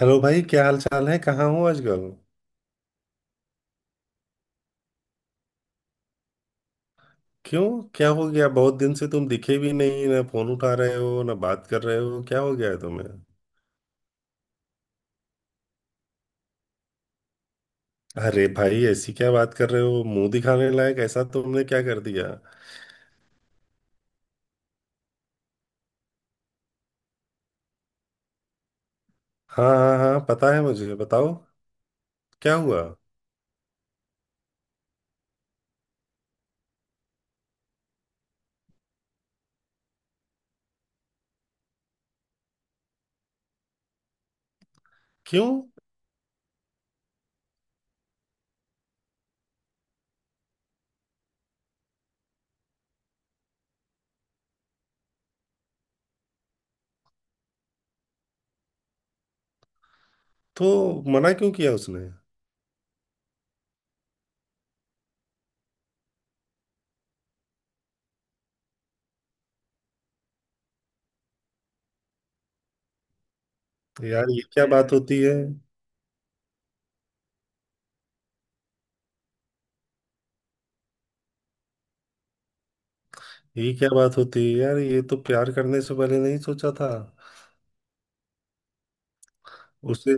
Hello भाई, क्या हाल चाल है? कहाँ हो आजकल? क्यों? क्या हो गया, बहुत दिन से तुम दिखे भी नहीं, ना फोन उठा रहे हो, ना बात कर रहे हो। क्या हो गया है तुम्हें? अरे भाई, ऐसी क्या बात कर रहे हो? मुंह दिखाने लायक, ऐसा तुमने क्या कर दिया? हाँ हाँ हाँ, पता है मुझे, बताओ। क्या हुआ? क्यों? तो मना क्यों किया उसने? यार ये क्या बात होती है। ये क्या बात होती है यार, ये तो प्यार करने से पहले नहीं सोचा था। उसे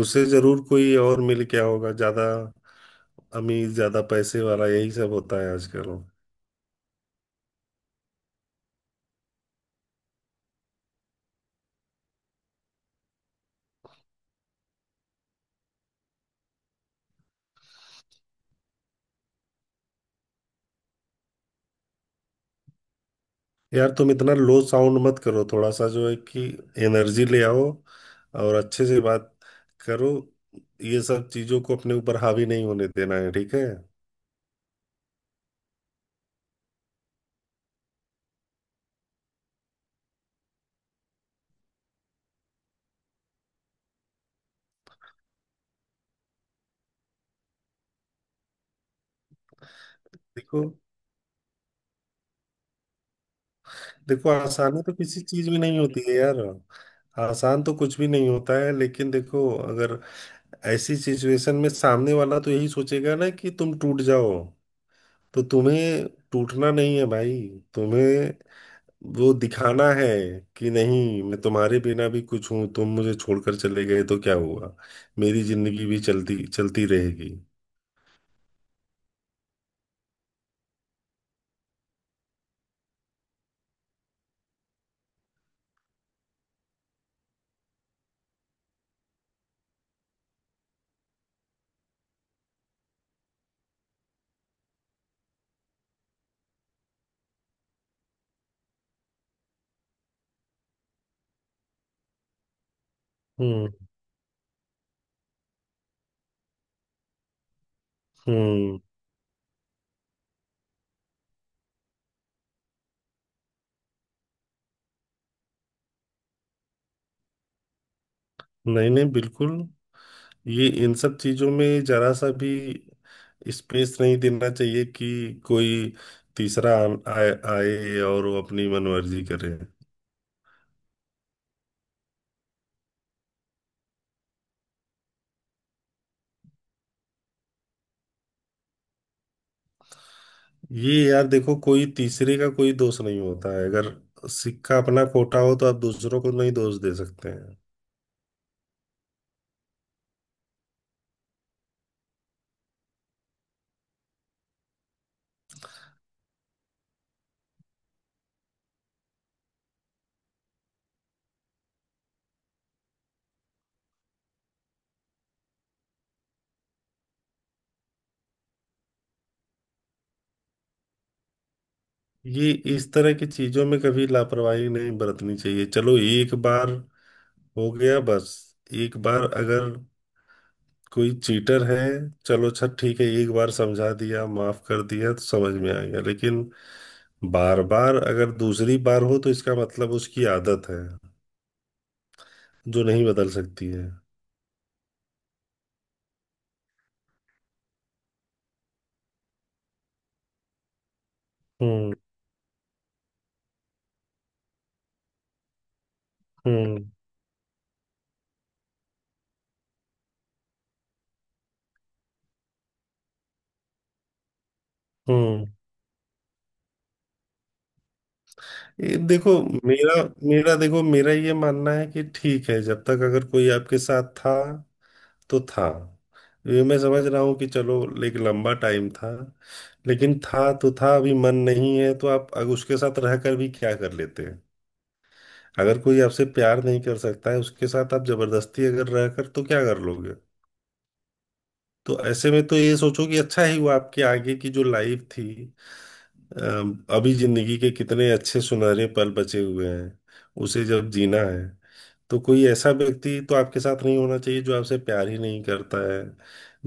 उसे जरूर कोई और मिल गया होगा, ज्यादा अमीर, ज्यादा पैसे वाला, यही सब होता है आजकल। यार, तुम इतना लो साउंड मत करो, थोड़ा सा जो है कि एनर्जी ले आओ और अच्छे से बात करो। ये सब चीजों को अपने ऊपर हावी नहीं होने देना है, ठीक है। देखो देखो, आसानी तो किसी चीज में नहीं होती है यार, आसान तो कुछ भी नहीं होता है। लेकिन देखो, अगर ऐसी सिचुएशन में सामने वाला तो यही सोचेगा ना कि तुम टूट जाओ, तो तुम्हें टूटना नहीं है भाई। तुम्हें वो दिखाना है कि नहीं, मैं तुम्हारे बिना भी कुछ हूं। तुम मुझे छोड़कर चले गए तो क्या हुआ, मेरी जिंदगी भी चलती चलती रहेगी। हम्म। हम्म। नहीं नहीं, बिल्कुल। ये इन सब चीजों में जरा सा भी स्पेस नहीं देना चाहिए कि कोई तीसरा आए, आए और वो अपनी मनमर्जी करे। ये यार देखो, कोई तीसरे का कोई दोष नहीं होता है। अगर सिक्का अपना खोटा हो तो आप दूसरों को नहीं दोष दे सकते हैं। ये इस तरह की चीजों में कभी लापरवाही नहीं बरतनी चाहिए। चलो, एक बार हो गया बस। एक बार अगर कोई चीटर है, चलो अच्छा, ठीक है, एक बार समझा दिया, माफ कर दिया, तो समझ में आ गया। लेकिन बार बार, अगर दूसरी बार हो तो इसका मतलब उसकी आदत है, जो नहीं बदल सकती है। हम्म। हम्म। हम्म। ये देखो, मेरा मेरा देखो, मेरा ये मानना है कि ठीक है, जब तक अगर कोई आपके साथ था तो था। ये मैं समझ रहा हूँ कि चलो, एक लंबा टाइम था, लेकिन था तो था। अभी मन नहीं है तो आप अगर उसके साथ रहकर भी क्या कर लेते हैं? अगर कोई आपसे प्यार नहीं कर सकता है, उसके साथ आप जबरदस्ती अगर रहकर तो क्या कर लोगे? तो ऐसे में तो ये सोचो कि अच्छा ही हुआ। आपके आगे की जो लाइफ थी, अभी जिंदगी के कितने अच्छे सुनहरे पल बचे हुए हैं, उसे जब जीना है, तो कोई ऐसा व्यक्ति तो आपके साथ नहीं होना चाहिए जो आपसे प्यार ही नहीं करता है,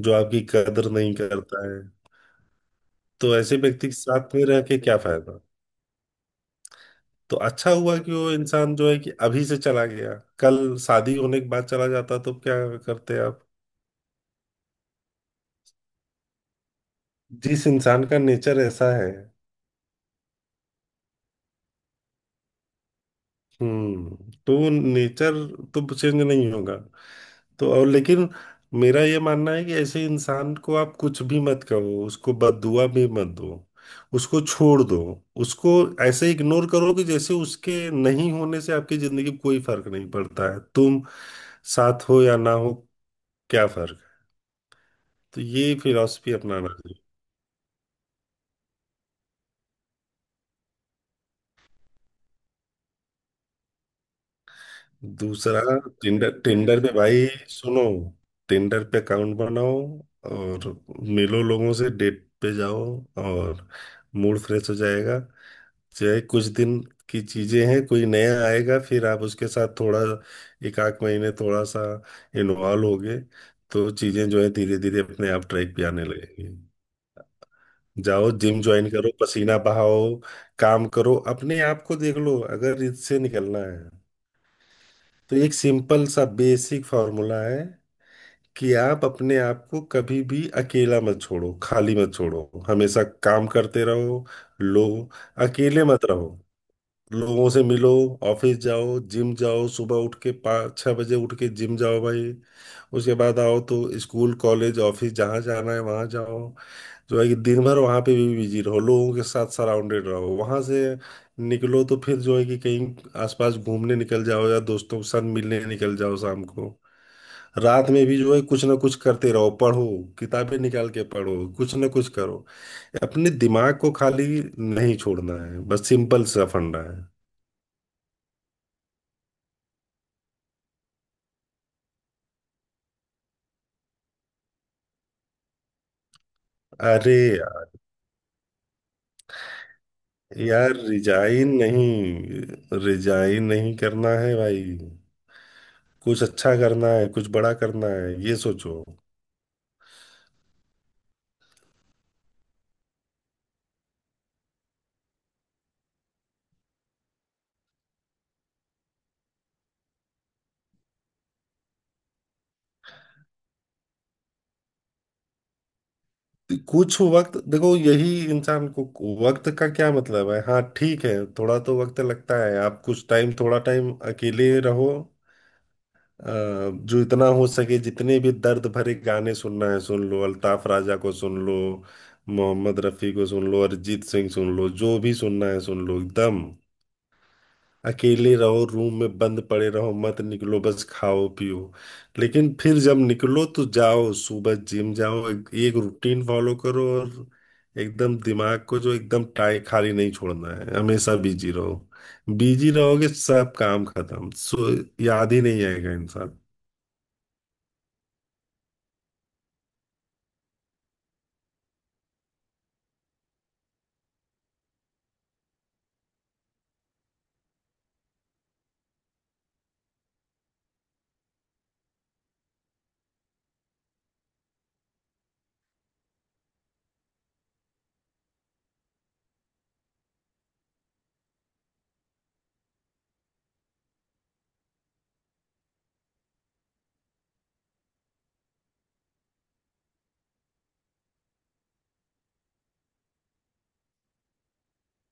जो आपकी कदर नहीं करता है। तो ऐसे व्यक्ति के साथ में रह के क्या फायदा? तो अच्छा हुआ कि वो इंसान जो है कि अभी से चला गया। कल शादी होने के बाद चला जाता तो क्या करते आप? जिस इंसान का नेचर ऐसा है, हम्म, तो नेचर तो चेंज नहीं होगा। तो और लेकिन मेरा ये मानना है कि ऐसे इंसान को आप कुछ भी मत कहो, उसको बददुआ भी मत दो। उसको छोड़ दो, उसको ऐसे इग्नोर करो कि जैसे उसके नहीं होने से आपकी जिंदगी में कोई फर्क नहीं पड़ता है। तुम साथ हो या ना हो, क्या फर्क है? तो ये फिलॉसफी अपनाना चाहिए। दूसरा, टिंडर टिंडर पे भाई, सुनो, टिंडर पे अकाउंट बनाओ और मिलो लोगों से, डेट पे जाओ और मूड फ्रेश हो जाएगा। चाहे कुछ दिन की चीजें हैं, कोई नया आएगा, फिर आप उसके साथ थोड़ा एक आध महीने थोड़ा सा इन्वॉल्व होगे, तो चीजें जो है धीरे धीरे अपने आप ट्रैक पे आने लगेंगी। जाओ जिम ज्वाइन करो, पसीना बहाओ, काम करो, अपने आप को देख लो। अगर इससे निकलना है तो एक सिंपल सा बेसिक फॉर्मूला है कि आप अपने आप को कभी भी अकेला मत छोड़ो, खाली मत छोड़ो, हमेशा काम करते रहो। लो, अकेले मत रहो, लोगों से मिलो, ऑफिस जाओ, जिम जाओ, सुबह उठ के पाँच छः बजे उठ के जिम जाओ भाई। उसके बाद आओ तो स्कूल, कॉलेज, ऑफिस, जहाँ जाना है वहाँ जाओ। जो है कि दिन भर वहाँ पे भी बिजी रहो, लोगों के साथ सराउंडेड रहो। वहाँ से निकलो तो फिर जो है कि कहीं आसपास घूमने निकल जाओ, या दोस्तों के साथ मिलने निकल जाओ शाम को। रात में भी जो है, कुछ ना कुछ करते रहो, पढ़ो, किताबें निकाल के पढ़ो, कुछ ना कुछ करो। अपने दिमाग को खाली नहीं छोड़ना है, बस सिंपल सा फंडा है। अरे यार, रिजाइन नहीं करना है भाई, कुछ अच्छा करना है, कुछ बड़ा करना है, ये सोचो। कुछ वक्त, देखो यही, इंसान को वक्त का क्या मतलब है? हाँ ठीक है, थोड़ा तो वक्त लगता है। आप कुछ टाइम, थोड़ा टाइम अकेले रहो। अ, जो इतना हो सके, जितने भी दर्द भरे गाने सुनना है सुन लो, अल्ताफ राजा को सुन लो, मोहम्मद रफ़ी को सुन लो, अरिजीत सिंह सुन लो, जो भी सुनना है सुन लो एकदम। अकेले रहो, रूम में बंद पड़े रहो, मत निकलो, बस खाओ पियो। लेकिन फिर जब निकलो तो जाओ, सुबह जिम जाओ, एक रूटीन फॉलो करो और एकदम दिमाग को जो एकदम टाई खाली नहीं छोड़ना है, हमेशा बिजी रहो। बिजी रहोगे, सब काम खत्म, सो याद ही नहीं आएगा इंसान।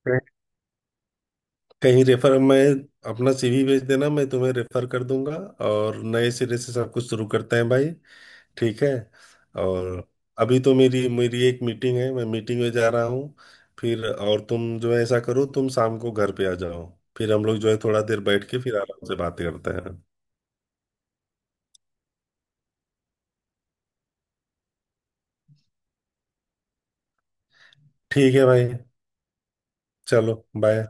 कहीं, कहीं रेफर, मैं अपना सीवी भेज देना, मैं तुम्हें रेफर कर दूंगा और नए सिरे से सब कुछ शुरू करते हैं भाई, ठीक है। और अभी तो मेरी मेरी एक मीटिंग है, मैं मीटिंग में जा रहा हूँ। फिर और तुम जो है ऐसा करो, तुम शाम को घर पे आ जाओ, फिर हम लोग जो है थोड़ा देर बैठ के फिर आराम से बातें करते हैं। ठीक है भाई। चलो, बाय।